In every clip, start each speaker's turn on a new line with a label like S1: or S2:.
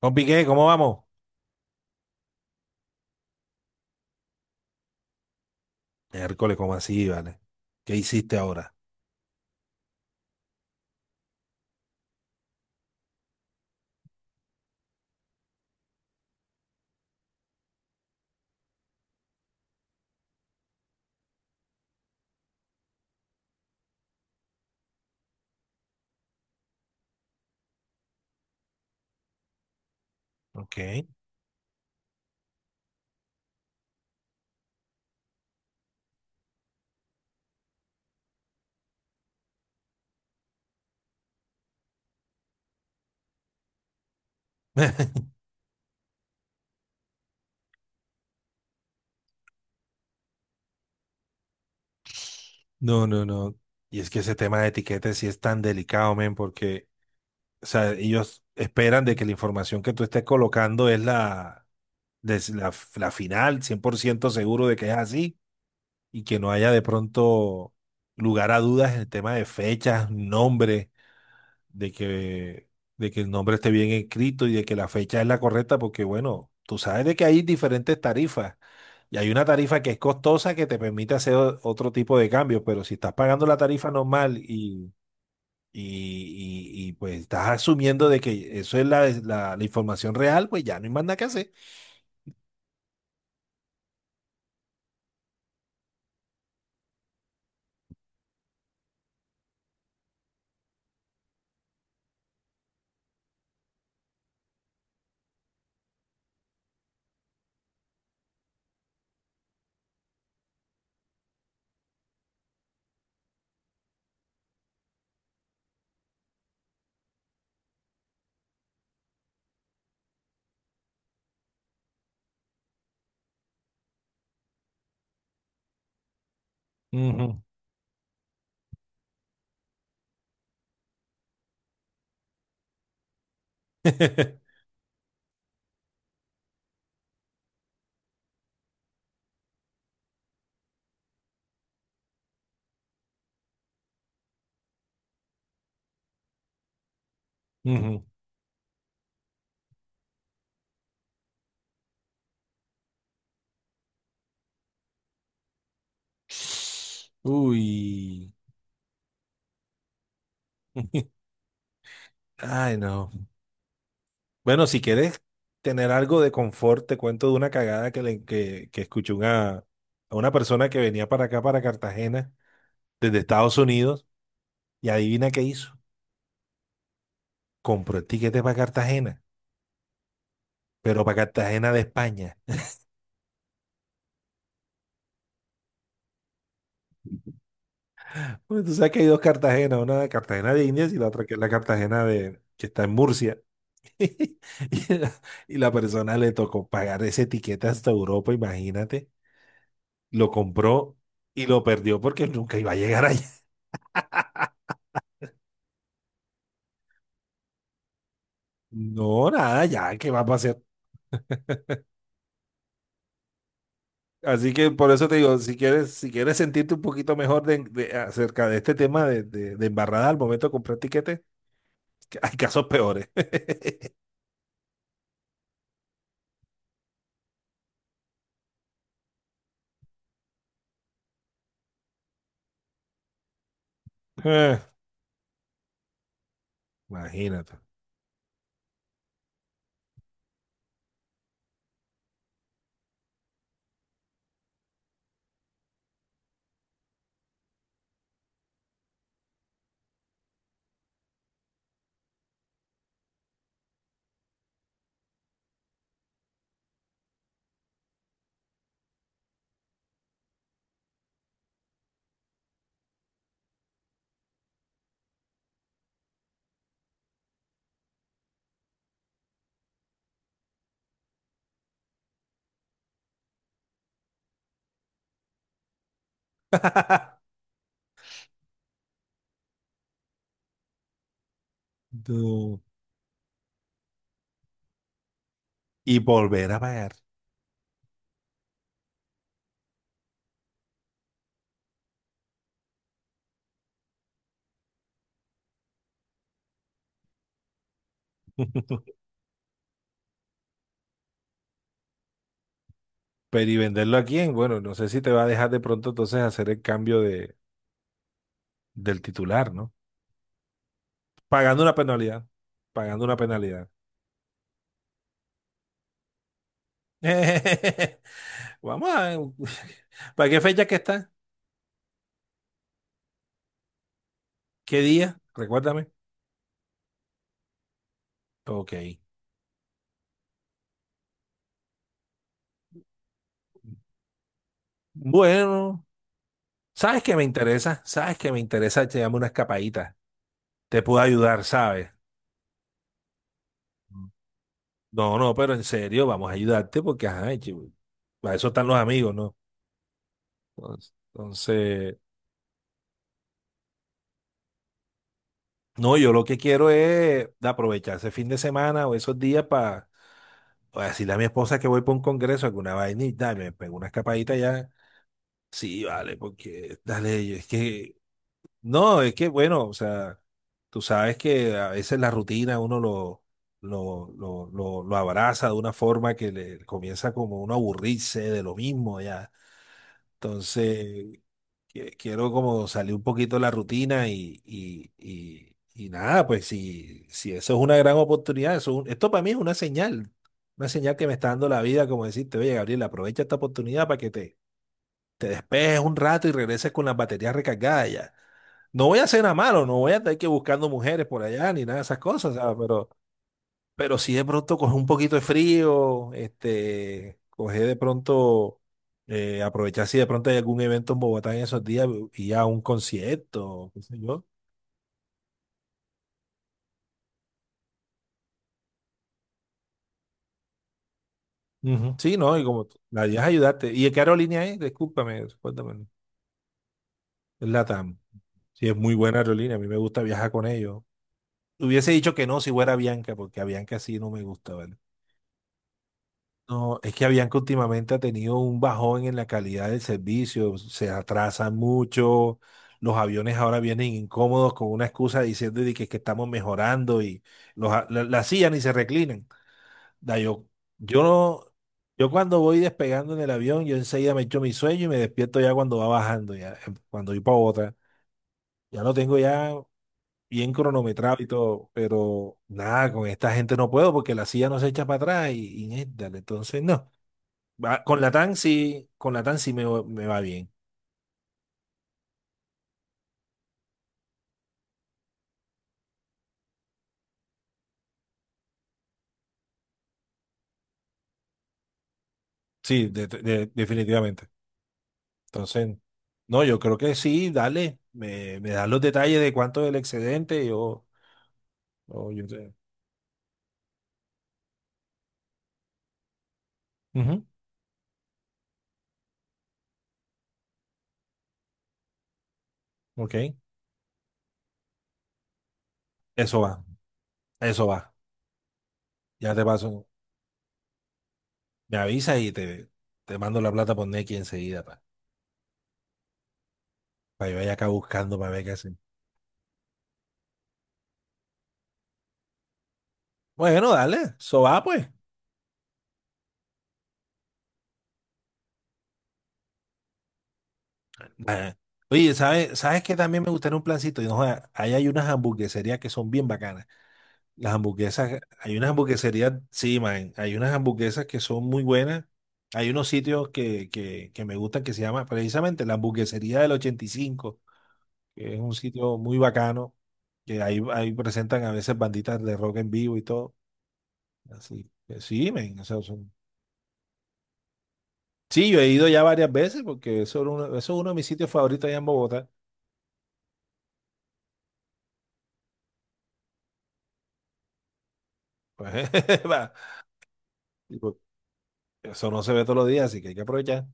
S1: Compi, ¿qué? ¿Cómo vamos? Miércoles, ¿cómo así, vale? ¿Qué hiciste ahora? Ok. No, no, no. Y es que ese tema de etiquetas sí es tan delicado, men, porque, o sea, ellos esperan de que la información que tú estés colocando es la, la final, 100% seguro de que es así, y que no haya de pronto lugar a dudas en el tema de fechas, nombre, de que, de que el nombre esté bien escrito y de que la fecha es la correcta, porque, bueno, tú sabes de que hay diferentes tarifas. Y hay una tarifa que es costosa que te permite hacer otro tipo de cambios, pero si estás pagando la tarifa normal y, pues estás asumiendo de que eso es la información real, pues ya no hay más nada que hacer. Ujú. Ujú. Uy. Ay, no. Bueno, si quieres tener algo de confort, te cuento de una cagada que escuché una, a una persona que venía para acá, para Cartagena, desde Estados Unidos, y adivina qué hizo. Compró el tiquete para Cartagena, pero para Cartagena de España. Porque tú sabes que hay dos Cartagenas, una de Cartagena de Indias y la otra que es la Cartagena de, que está en Murcia. Y la, y la persona le tocó pagar ese tiquete hasta Europa, imagínate. Lo compró y lo perdió porque nunca iba a llegar allá. No, nada, ya, ¿qué va a pasar? Así que por eso te digo, si quieres, si quieres sentirte un poquito mejor acerca de este tema de embarrada al momento de comprar tiquetes, que hay casos peores. Imagínate. No. Y volver a pagar. Pero y venderlo a quién, bueno, no sé si te va a dejar de pronto entonces hacer el cambio de, del titular, ¿no? Pagando una penalidad. Pagando una penalidad. Vamos a ver. ¿Para qué fecha que está? ¿Qué día? Recuérdame. Ok. Bueno, ¿sabes qué me interesa? ¿Sabes qué me interesa? Echarme una escapadita. Te puedo ayudar, ¿sabes? No, no, pero en serio, vamos a ayudarte porque, ajá, chivo, para eso están los amigos, ¿no? Entonces, no, yo lo que quiero es aprovechar ese fin de semana o esos días para decirle a mi esposa que voy para un congreso, alguna vainita, y me pego una escapadita ya. Sí, vale, porque dale, es que, no, es que bueno, o sea, tú sabes que a veces la rutina uno lo abraza de una forma que le comienza como uno a aburrirse de lo mismo ya. Entonces, quiero como salir un poquito de la rutina y nada, pues si, si eso es una gran oportunidad, esto para mí es una señal que me está dando la vida, como decirte, oye, Gabriel, aprovecha esta oportunidad para que te despejes un rato y regreses con las baterías recargadas ya. No voy a hacer nada malo, no voy a estar que buscando mujeres por allá ni nada de esas cosas, ¿sabes? Pero si de pronto coge un poquito de frío, este, coge de pronto, aprovechar si de pronto hay algún evento en Bogotá en esos días y a un concierto, qué sé yo. Ujú, sí, no, y como la idea es ayudarte. ¿Y de qué aerolínea es? Discúlpame, recuérdame. Es LATAM. Sí, es muy buena aerolínea, a mí me gusta viajar con ellos. Hubiese dicho que no si fuera Bianca, porque a Bianca sí no me gusta, ¿vale? No, es que Avianca últimamente ha tenido un bajón en la calidad del servicio, se atrasan mucho, los aviones ahora vienen incómodos con una excusa diciendo de que estamos mejorando y la sillas ni se reclinan. Da, yo, no- yo cuando voy despegando en el avión, yo enseguida me echo mi sueño y me despierto ya cuando va bajando, ya, cuando voy para otra. Ya lo tengo ya bien cronometrado y todo, pero nada, con esta gente no puedo porque la silla no se echa para atrás y dale, entonces no. Con la TAN sí, con la TAN sí me, me va bien. Definitivamente. Entonces, no, yo creo que sí, dale. Me das los detalles de cuánto es el excedente. O yo te- Ujú, ok, eso va, eso va. Ya te paso. Me avisas y te mando la plata por Nequi enseguida para que yo vaya acá buscando para ver qué hacen. Bueno, dale, eso va pues. Nah. Oye, ¿sabes, sabes que también me gustaría un plancito? Y no, joda, ahí hay unas hamburgueserías que son bien bacanas. Las hamburguesas, hay unas hamburgueserías, sí, man, hay unas hamburguesas que son muy buenas. Hay unos sitios que me gustan que se llama precisamente la hamburguesería del 85 que es un sitio muy bacano, ahí presentan a veces banditas de rock en vivo y todo. Así que sí, man, sí, yo he ido ya varias veces porque eso es uno de mis sitios favoritos allá en Bogotá. Pues, va, y pues, eso no se ve todos los días, así que hay que aprovechar.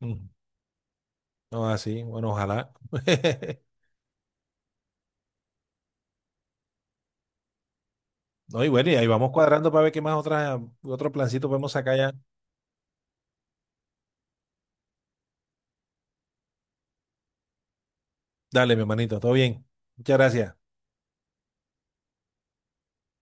S1: Ujú. No, así, bueno, ojalá. No, y bueno, y ahí vamos cuadrando para ver qué más otra, otro plancito podemos sacar ya. Dale, mi hermanito, todo bien. Muchas gracias.